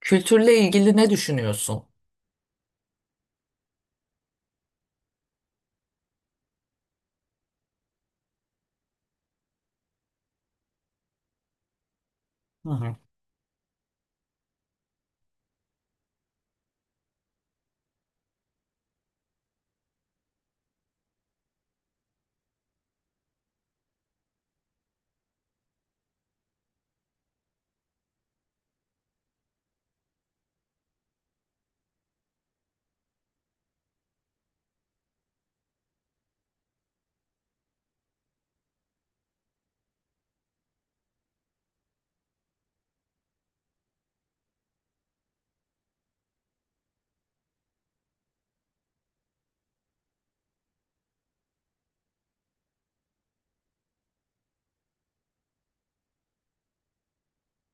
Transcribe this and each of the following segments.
Kültürle ilgili ne düşünüyorsun? Hı hı.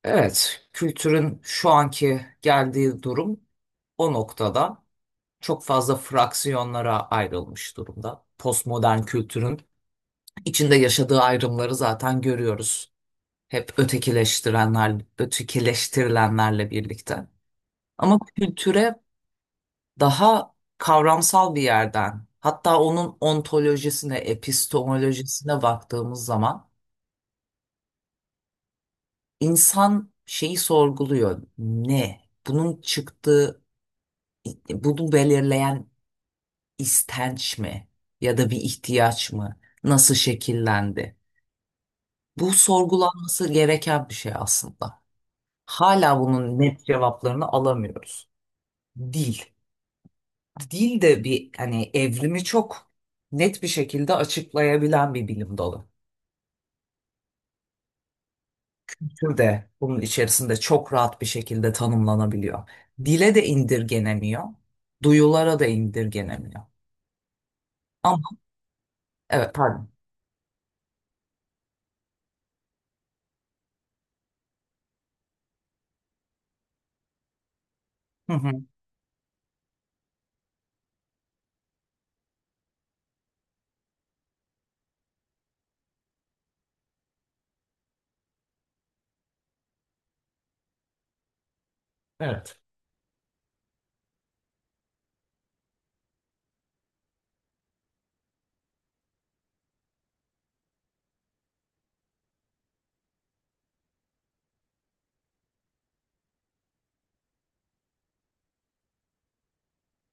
Evet, kültürün şu anki geldiği durum o noktada çok fazla fraksiyonlara ayrılmış durumda. Postmodern kültürün içinde yaşadığı ayrımları zaten görüyoruz. Hep ötekileştirenler, ötekileştirilenlerle birlikte. Ama kültüre daha kavramsal bir yerden, hatta onun ontolojisine, epistemolojisine baktığımız zaman İnsan şeyi sorguluyor. Ne? Bunun çıktığı, bunu belirleyen istenç mi? Ya da bir ihtiyaç mı? Nasıl şekillendi? Bu sorgulanması gereken bir şey aslında. Hala bunun net cevaplarını alamıyoruz. Dil. Dil de bir hani evrimi çok net bir şekilde açıklayabilen bir bilim dalı. Tür de bunun içerisinde çok rahat bir şekilde tanımlanabiliyor. Dile de indirgenemiyor, duyulara da indirgenemiyor. Ama evet pardon. Hı hı. Evet.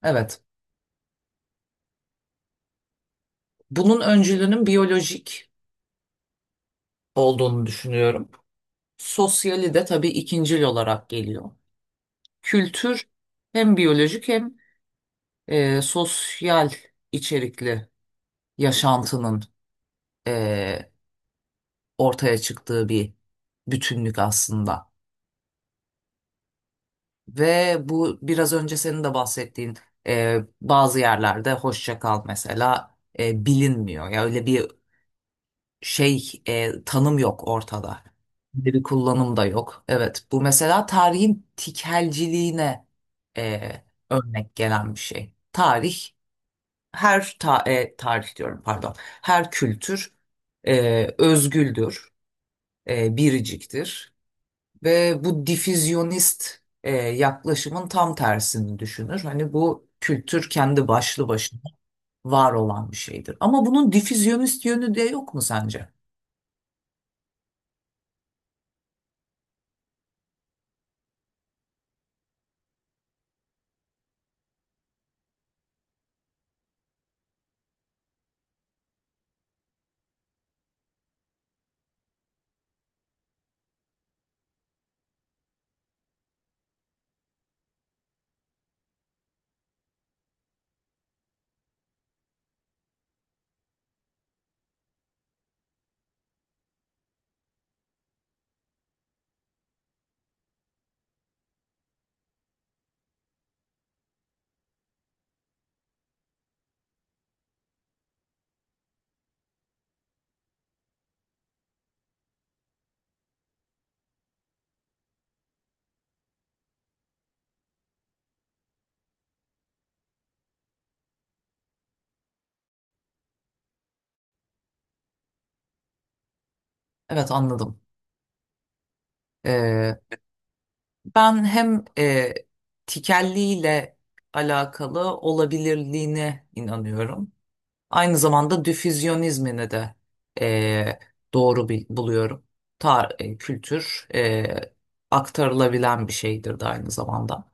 Evet. Bunun öncülünün biyolojik olduğunu düşünüyorum. Sosyali de tabii ikincil olarak geliyor. Kültür hem biyolojik hem sosyal içerikli yaşantının e, ortaya çıktığı bir bütünlük aslında. Ve bu biraz önce senin de bahsettiğin bazı yerlerde hoşça kal mesela bilinmiyor. Ya öyle bir şey tanım yok ortada. Bir kullanım da yok. Evet bu mesela tarihin tikelciliğine e, örnek gelen bir şey. Tarih tarih diyorum pardon. Her kültür özgüldür, biriciktir. Ve bu difüzyonist yaklaşımın tam tersini düşünür. Hani bu kültür kendi başlı başına var olan bir şeydir. Ama bunun difüzyonist yönü de yok mu sence? Evet anladım. E, ben hem tikelliyle alakalı olabilirliğine inanıyorum. Aynı zamanda difüzyonizmini de e, doğru bir, buluyorum. Kültür aktarılabilen bir şeydir de aynı zamanda.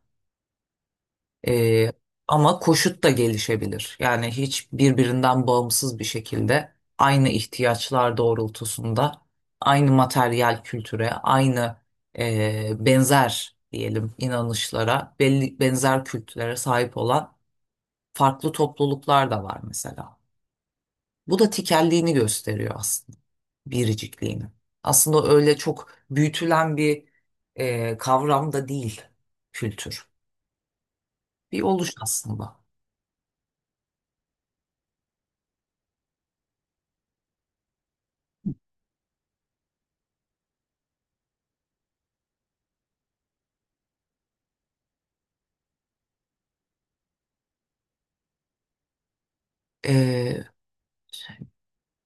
Ee, ama koşut da gelişebilir. Yani hiç birbirinden bağımsız bir şekilde aynı ihtiyaçlar doğrultusunda aynı materyal kültüre, aynı benzer diyelim inanışlara, belli benzer kültürlere sahip olan farklı topluluklar da var mesela. Bu da tikelliğini gösteriyor aslında, biricikliğini. Aslında öyle çok büyütülen bir kavram da değil kültür. Bir oluş aslında.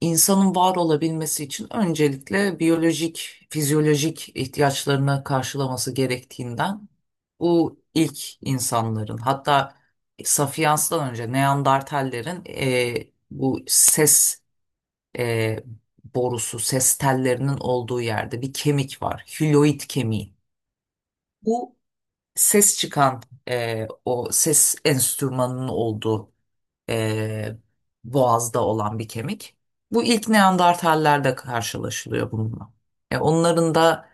İnsanın var olabilmesi için öncelikle biyolojik, fizyolojik ihtiyaçlarını karşılaması gerektiğinden bu ilk insanların hatta Sapiens'ten önce Neandertallerin bu ses e, borusu, ses tellerinin olduğu yerde bir kemik var. Hüloid kemiği. Bu ses çıkan o ses enstrümanının olduğu e, boğazda olan bir kemik. Bu ilk Neandertallerde karşılaşılıyor bununla. Onların da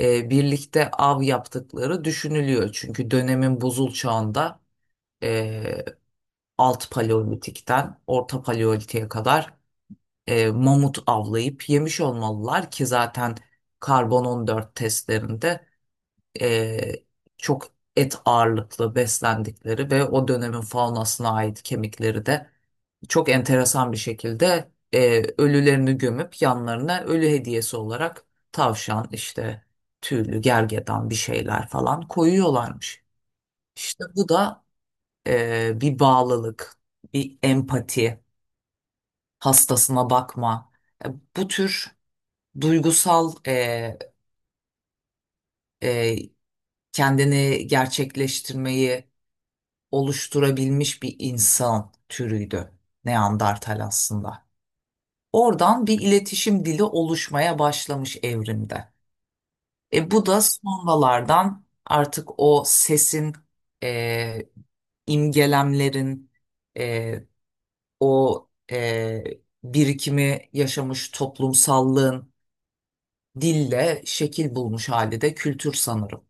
birlikte av yaptıkları düşünülüyor. Çünkü dönemin buzul çağında e, alt paleolitikten orta paleolitiğe kadar mamut avlayıp yemiş olmalılar ki zaten karbon 14 testlerinde e, çok et ağırlıklı beslendikleri ve o dönemin faunasına ait kemikleri de çok enteresan bir şekilde ölülerini gömüp yanlarına ölü hediyesi olarak tavşan işte tüylü gergedan bir şeyler falan koyuyorlarmış. İşte bu da bir bağlılık, bir empati, hastasına bakma. E, bu tür duygusal e, kendini gerçekleştirmeyi oluşturabilmiş bir insan türüydü Neandertal aslında. Oradan bir iletişim dili oluşmaya başlamış evrimde. Bu da sonralardan artık o sesin e, imgelemlerin e, o e, birikimi yaşamış toplumsallığın dille şekil bulmuş hali de kültür sanırım.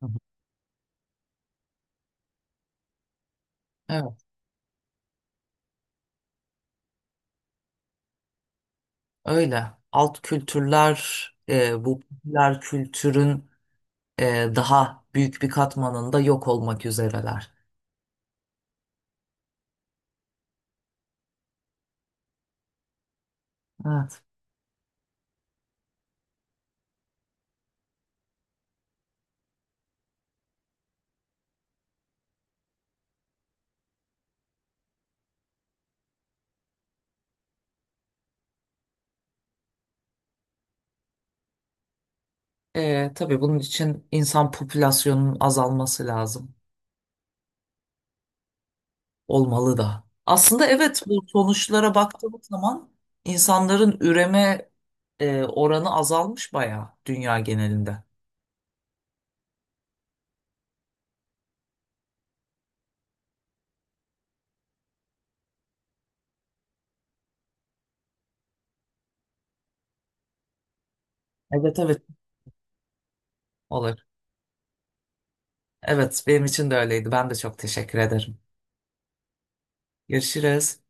Hı hı. Evet, öyle. Alt kültürler bu popüler kültürün daha büyük bir katmanında yok olmak üzereler. Evet. Tabii bunun için insan popülasyonunun azalması lazım. Olmalı da. Aslında evet bu sonuçlara baktığımız zaman insanların üreme oranı azalmış bayağı dünya genelinde. Evet evet olur. Evet benim için de öyleydi. Ben de çok teşekkür ederim. Görüşürüz.